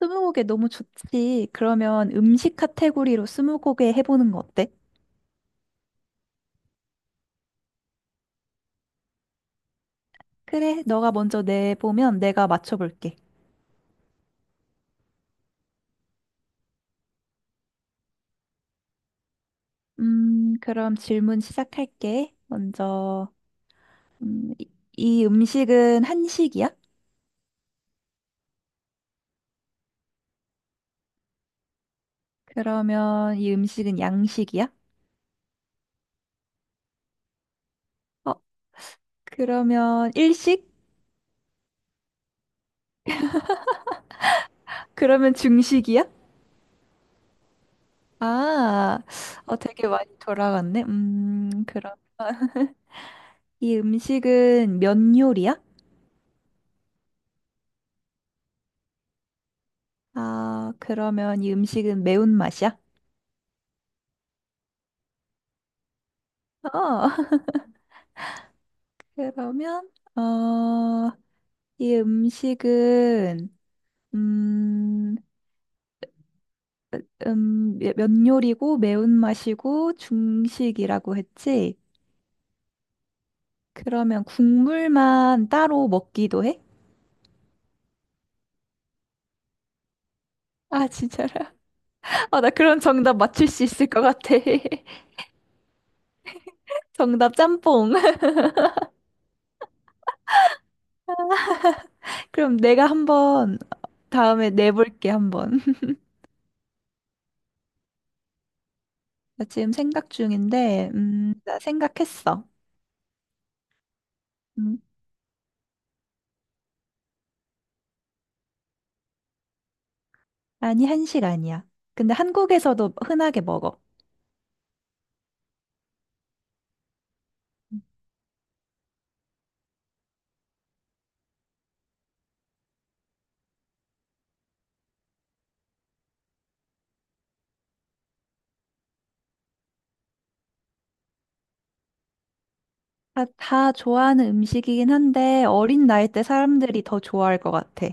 스무고개 너무 좋지. 그러면 음식 카테고리로 스무고개 해보는 거 어때? 그래, 너가 먼저 내보면 내가 맞춰볼게. 그럼 질문 시작할게. 먼저, 음, 이, 이 음식은 한식이야? 그러면 이 음식은 양식이야? 어, 그러면 일식? 그러면 중식이야? 아, 어, 되게 많이 돌아갔네. 그럼 이 음식은 면 요리야? 아, 그러면 이 음식은 매운맛이야? 어. 그러면 어, 이 음식은 음, 면 요리고 매운맛이고 중식이라고 했지? 그러면 국물만 따로 먹기도 해? 아, 진짜로? 아, 나 그런 정답 맞출 수 있을 것 같아. 정답 짬뽕. 그럼 내가 한번 다음에 내볼게, 한번. 나 지금 생각 중인데, 나 생각했어. 음, 아니, 한식 아니야. 근데 한국에서도 흔하게 먹어. 다 좋아하는 음식이긴 한데 어린 나이 때 사람들이 더 좋아할 것 같아.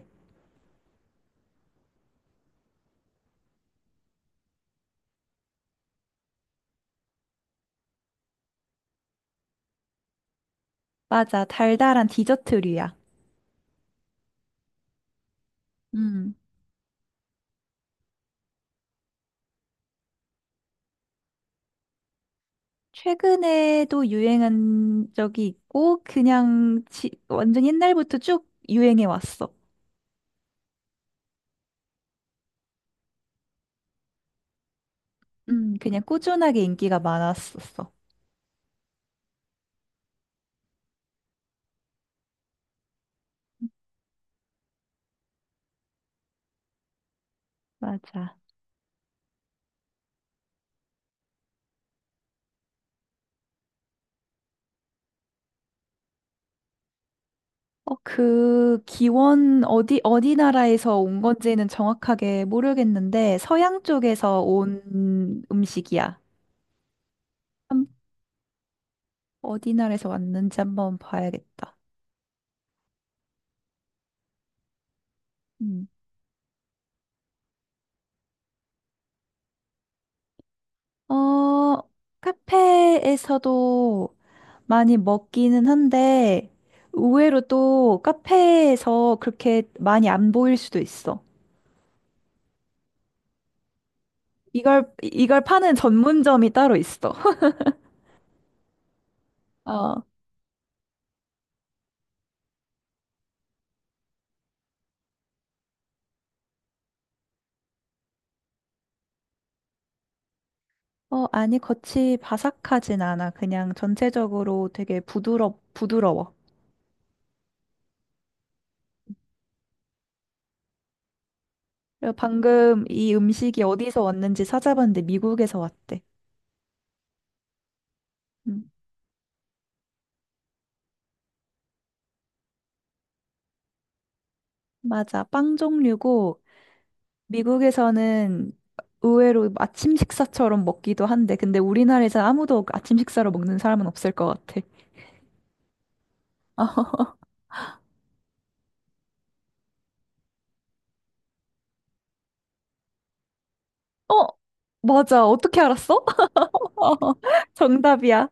맞아, 달달한 디저트류야. 음. 최근에도 유행한 적이 있고 완전 옛날부터 쭉 유행해 왔어. 그냥 꾸준하게 인기가 많았었어. 맞아. 어, 그 기원 어디 어디 나라에서 온 건지는 정확하게 모르겠는데 서양 쪽에서 온 음식이야. 한- 어디 나라에서 왔는지 한번 봐야겠다. 음. 어, 카페에서도 많이 먹기는 한데, 의외로 또 카페에서 그렇게 많이 안 보일 수도 있어. 이걸 파는 전문점이 따로 있어. 어, 어, 아니, 겉이 바삭하진 않아. 그냥 전체적으로 되게 부드러워. 그리고 방금 이 음식이 어디서 왔는지 찾아봤는데 미국에서 왔대. 음, 맞아. 빵 종류고, 미국에서는 의외로 아침 식사처럼 먹기도 한데, 근데 우리나라에서 아무도 아침 식사로 먹는 사람은 없을 것 같아. 어, 맞아. 어떻게 알았어? 어, 정답이야.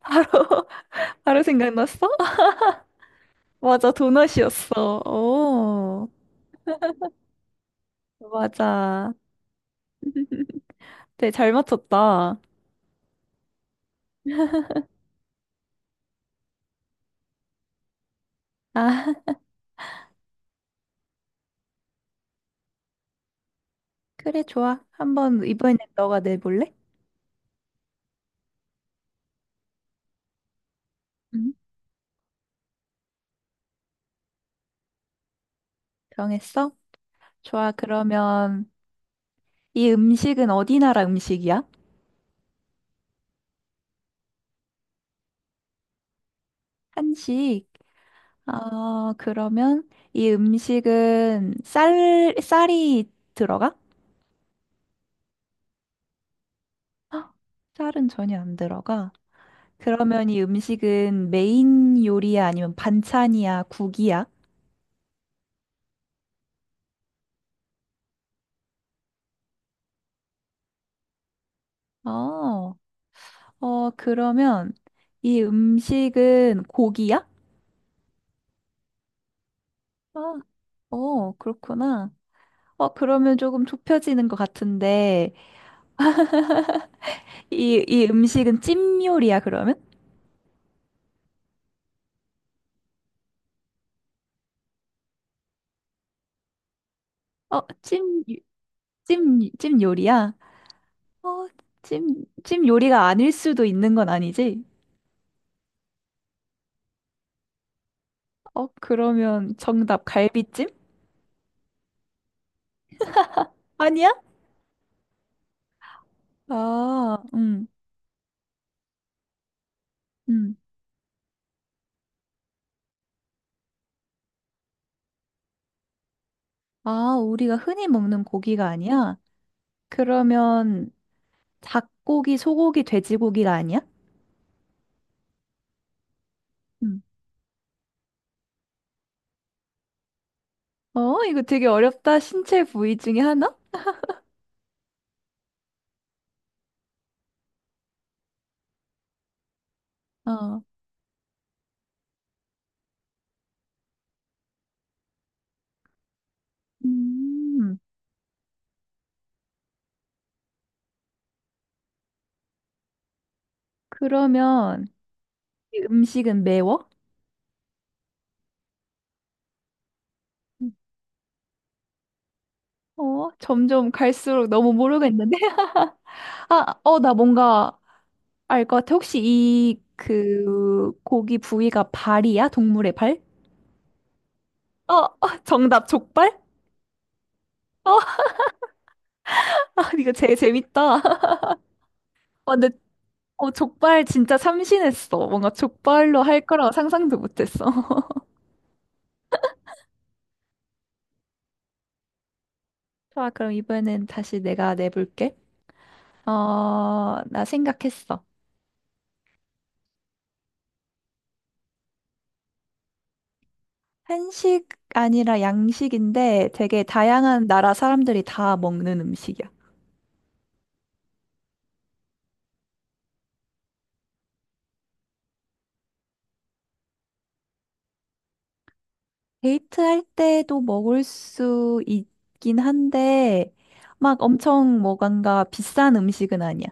바로, 바로 생각났어? 맞아. 도넛이었어. 오, 맞아. 되게 잘 맞췄다. 아, 그래, 좋아. 한번 이번엔 너가 내볼래? 응, 정했어? 좋아. 그러면 이 음식은 어디 나라 음식이야? 한식. 아, 그러면 이 음식은 쌀이 들어가? 헉, 쌀은 전혀 안 들어가. 그러면 이 음식은 메인 요리야 아니면 반찬이야, 국이야? 어, 어, 그러면 이 음식은 고기야? 아, 어, 그렇구나. 어, 그러면 조금 좁혀지는 것 같은데, 이 음식은 찜 요리야, 그러면? 어, 찜, 찜 요리야? 어, 찜 요리가 아닐 수도 있는 건 아니지? 어, 그러면 정답 갈비찜? 아니야? 아, 음. 아, 우리가 흔히 먹는 고기가 아니야? 그러면 닭고기, 소고기, 돼지고기가 아니야? 음. 어, 이거 되게 어렵다. 신체 부위 중에 하나? 어. 음, 그러면 이 음식은 매워? 음. 어, 점점 갈수록 너무 모르겠는데? 아, 어, 나 뭔가 알 것 같아. 혹시 이 그 고기 부위가 발이야? 동물의 발? 어, 어, 정답 족발? 어, 아, 이거 제일 재밌다. 어, 근데 어, 족발 진짜 참신했어. 뭔가 족발로 할 거라고 상상도 못했어. 좋아, 그럼 이번엔 다시 내가 내볼게. 어, 나 생각했어. 한식 아니라 양식인데 되게 다양한 나라 사람들이 다 먹는 음식이야. 데이트할 때도 먹을 수 있긴 한데, 막 엄청 뭐간가 비싼 음식은 아니야.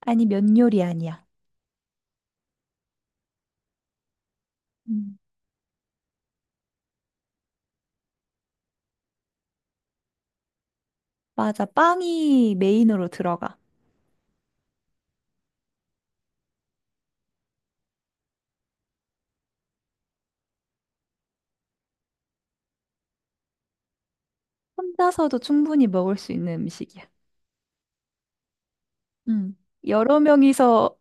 아니, 면 요리 아니야. 음. 맞아, 빵이 메인으로 들어가. 혼자서도 충분히 먹을 수 있는 음식이야. 음. 여러 명이서,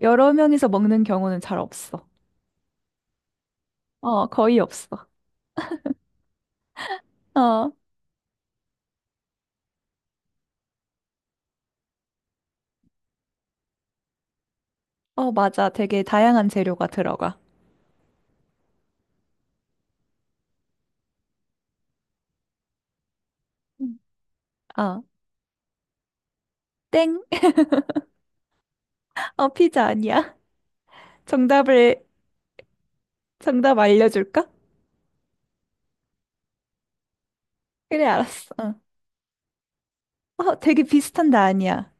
여러 명이서 먹는 경우는 잘 없어. 어, 거의 없어. 어, 어, 맞아. 되게 다양한 재료가 들어가. 음. 어, 땡. 어, 피자 아니야. 정답을, 정답 알려줄까? 그래, 알았어. 어. 어, 되게 비슷한데 아니야.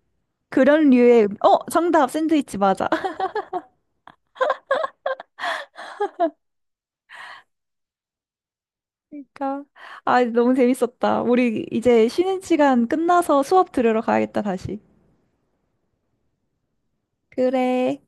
어, 정답, 샌드위치 맞아. 그러니까, 아, 너무 재밌었다. 우리 이제 쉬는 시간 끝나서 수업 들으러 가야겠다, 다시. 그래.